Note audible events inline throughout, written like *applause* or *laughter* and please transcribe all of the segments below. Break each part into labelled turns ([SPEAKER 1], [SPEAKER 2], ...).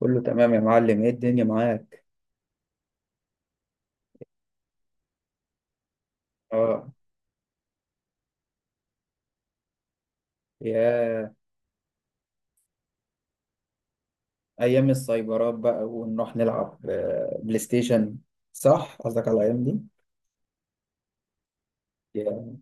[SPEAKER 1] كله تمام يا معلم، ايه الدنيا معاك؟ اه. يا ايام السايبرات بقى ونروح نلعب بلاي ستيشن. صح، قصدك على الايام دي. يا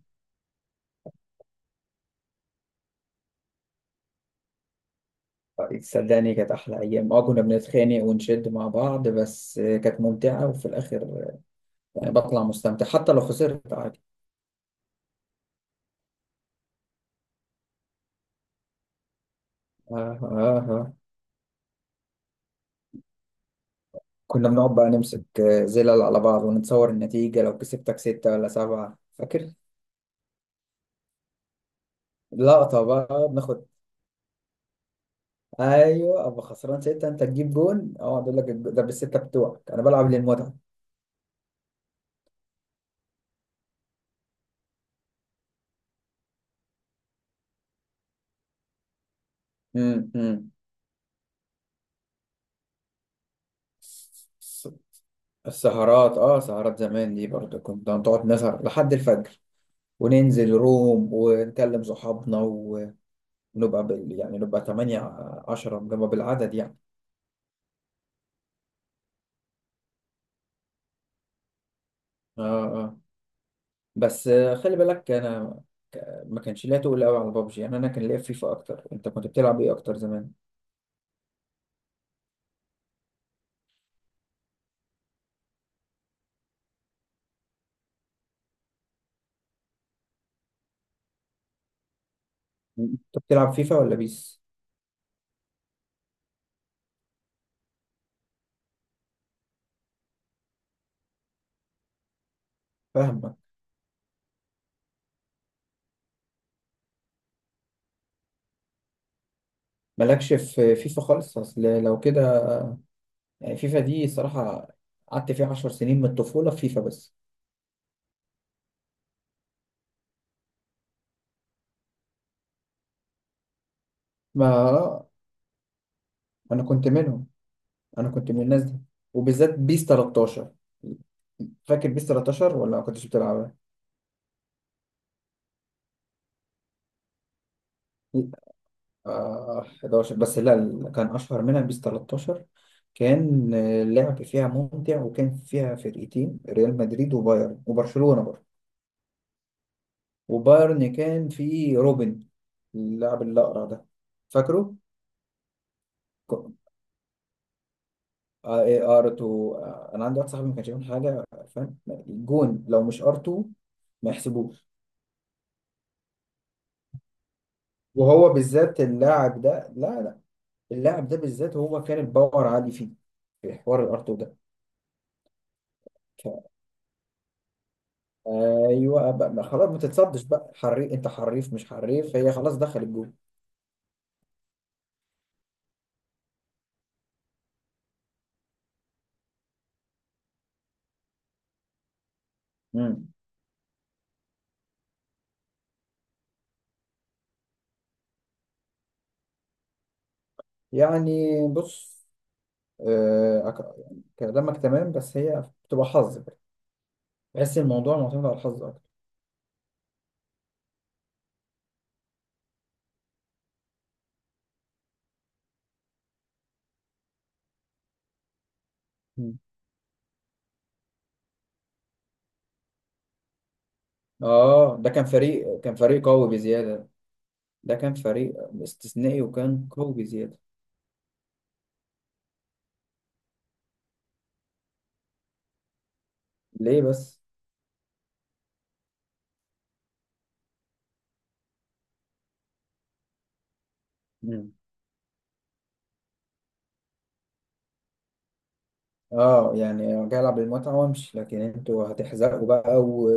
[SPEAKER 1] صدقني كانت احلى ايام. اه كنا بنتخانق ونشد مع بعض، بس كانت ممتعة، وفي الاخر يعني بطلع مستمتع حتى لو خسرت، عادي. آه آه آه. كنا بنقعد بقى نمسك زلل على بعض ونتصور النتيجة، لو كسبتك ستة ولا سبعة فاكر؟ لقطة بقى بناخد. ايوه، ابقى خسران سته، انت تجيب جون، اقعد اقول لك ده بالسته بتوعك، انا بلعب للمتعه. أمم. الس- السهرات. اه، سهرات زمان دي برضه كنت هنقعد نسهر لحد الفجر، وننزل روم ونكلم صحابنا ونبقى يعني نبقى 8 10، نبقى بالعدد يعني. اه اه. بس خلي بالك انا ما كانش ليا تقول قوي على بابجي. يعني انا كان ليا في فيفا اكتر، انت كنت بتلعب ايه اكتر زمان؟ انت بتلعب فيفا ولا بيس؟ فاهم. مالكش في فيفا خالص اصل لو كده، يعني فيفا دي صراحة قعدت فيها عشر سنين من الطفولة، في فيفا بس. ما انا كنت منهم، انا كنت من الناس دي، وبالذات بيس 13. فاكر بيس 13 ولا ما كنتش بتلعبها؟ آه 11، بس لا، اللي كان اشهر منها بيس 13. كان اللعب فيها ممتع، وكان فيها فرقتين، ريال مدريد وبايرن، وبرشلونة برضه. وبايرن كان فيه روبن، اللاعب الأقرع ده، فاكره؟ اه، ايه ار 2. انا عندي واحد صاحبي ما كانش يعمل حاجه، فاهم الجون لو مش ار 2 ما يحسبوش. وهو بالذات اللاعب ده، لا لا، اللاعب ده بالذات هو كان الباور عالي فيه، في حوار الار 2 ده. ف- ايوه بقى، ما خلاص، ما تتصدش بقى، حريف انت حريف مش حريف، هي خلاص دخل الجون. مم. يعني بص، يعني كلامك تمام، بس هي بتبقى حظ بقى. بحس الموضوع معتمد على الحظ اكتر. مم. اه، ده كان فريق قوي بزياده، ده كان فريق استثنائي وكان قوي بزيادة. ليه بس؟ مم. اه، يعني جاي العب بالمتعة وامشي، لكن انتوا هتحزقوا بقى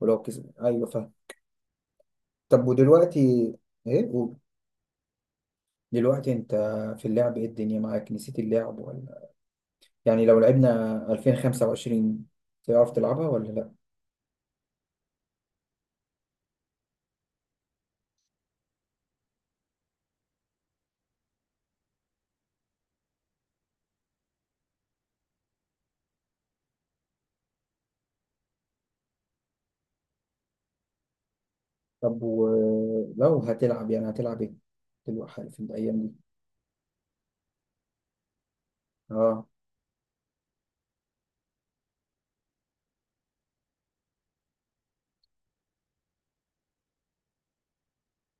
[SPEAKER 1] ولو كسب، ايوه فاهم. طب ودلوقتي، ايه قول. دلوقتي انت في اللعب، ايه الدنيا معاك؟ نسيت اللعب ولا يعني، لو لعبنا 2025 تعرف تلعبها ولا لا؟ طب ولو هتلعب، يعني هتلعب ايه دلوقتي في الايام دي؟ اه،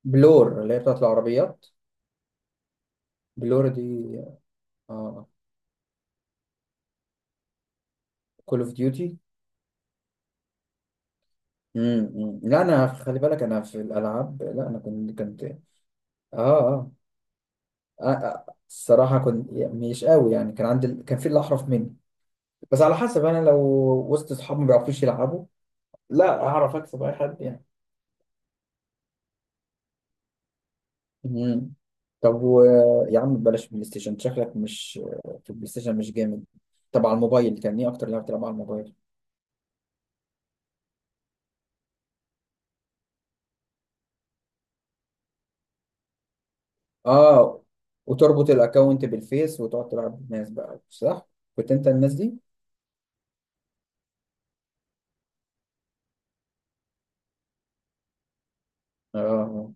[SPEAKER 1] بلور، اللي هي بتاعت العربيات. بلور دي. اه، كول اوف ديوتي. أمم. لا، انا خلي بالك، انا في الالعاب، لا، انا كنت اه. اه الصراحه كنت يعني مش قوي، يعني كان عندي كان في اللي احرف مني. بس على حسب، انا لو وسط اصحابي ما بيعرفوش يلعبوا، لا اعرف اكسب اي حد يعني. امم طب يا عم بلاش بلاي ستيشن، أنت شكلك مش في البلاي ستيشن، مش جامد. طب على الموبايل، كان ايه اكتر لعبه تلعب على الموبايل؟ اه، وتربط الاكونت بالفيس وتقعد تلعب بالناس بقى، صح؟ كنت انت الناس دي. اه،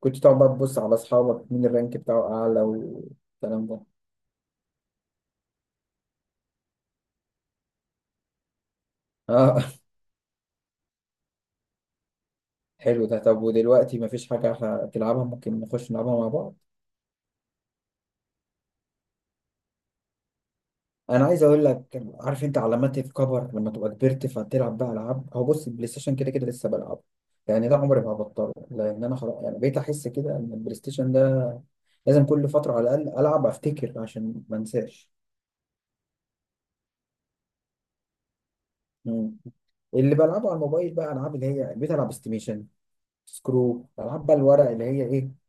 [SPEAKER 1] كنت تقعد بقى تبص على اصحابك مين الرانك بتاعه اعلى والكلام ده. اه. *laughs* حلو ده. طب ودلوقتي مفيش حاجه تلعبها؟ ممكن نخش نلعبها مع بعض. انا عايز اقول لك، عارف انت علامات الكبر لما تبقى كبرت فتلعب بقى العاب. هو بص، البلاي ستيشن كده كده لسه بلعبه، يعني ده عمري ما هبطله، لان انا خلاص يعني بقيت احس كده ان البلاي ستيشن ده لازم كل فتره على الاقل العب افتكر عشان ما انساش. مم. اللي بلعبه على الموبايل بقى العاب، اللي هي بقيت العب استيميشن، سكرو، العاب بقى الورق اللي هي ايه.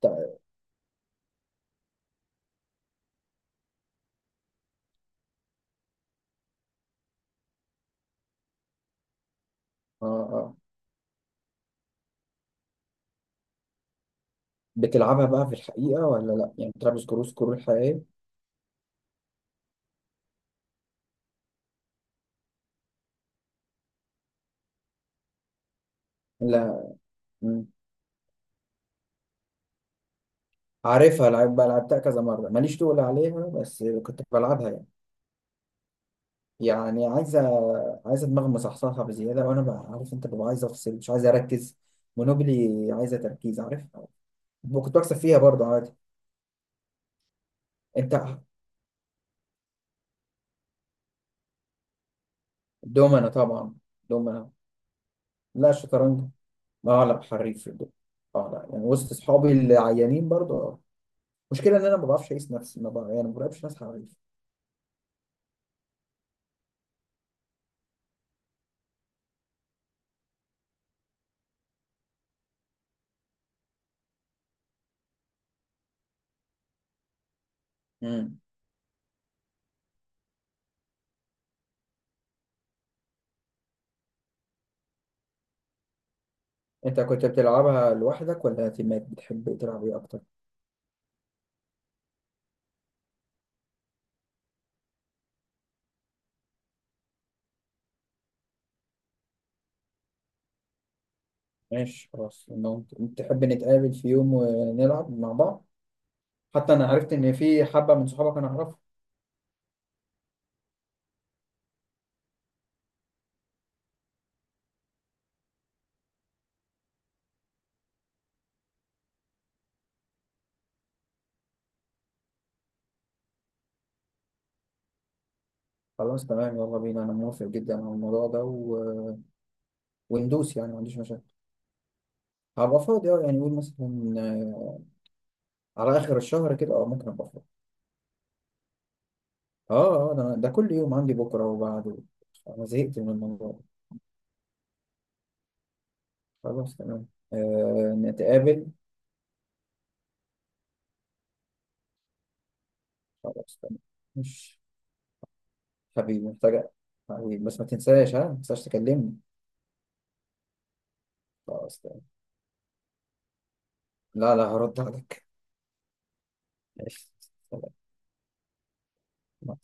[SPEAKER 1] طيب. اه آه. بتلعبها بقى في الحقيقة ولا لأ؟ يعني بتلعب سكرو، سكرو الحقيقية. لا. مم. عارفها، لعب بقى لعبتها كذا مرة، ماليش تقول عليها، بس كنت بلعبها يعني. يعني عايزة، عايزة دماغ مصحصحة بزيادة، وأنا بقى عارف أنت ببقى عايز أفصل، مش عايز أركز. مونوبلي عايزة تركيز، عارف. كنت بكسب فيها برضه عادي. أنت دومنا طبعا. دومنا. لا، شطرنج. اه لا، حريف في الدومنة. اه لا يعني وسط أصحابي العيانين برضه، اه. المشكلة إن أنا ما بعرفش أقيس نفسي، ما بعرف يعني، ما بعرفش ناس حريف. انت كنت بتلعبها لوحدك ولا تيمات؟ بتحب تلعب ايه اكتر؟ ماشي خلاص، لو انت تحب نتقابل في يوم ونلعب مع بعض. حتى انا عرفت ان في حبة من صحابك انا اعرفهم. خلاص تمام، يلا بينا، انا موافق جدا على الموضوع ده وندوس يعني، ما عنديش مشاكل. هبقى فاضي اه، يعني قول مثلا على اخر الشهر كده، اه ممكن ابقى فاضي. اه اه، ده كل يوم عندي بكره وبعده، انا زهقت من الموضوع ده. خلاص تمام. نتقابل. خلاص تمام. ماشي. حبيبي مفاجأة. حبيبي، بس ما تنساش، ها ما تنساش تكلمني. خلاص تمام. لا لا، هرد عليك. ماشي. سلام. مع السلامة.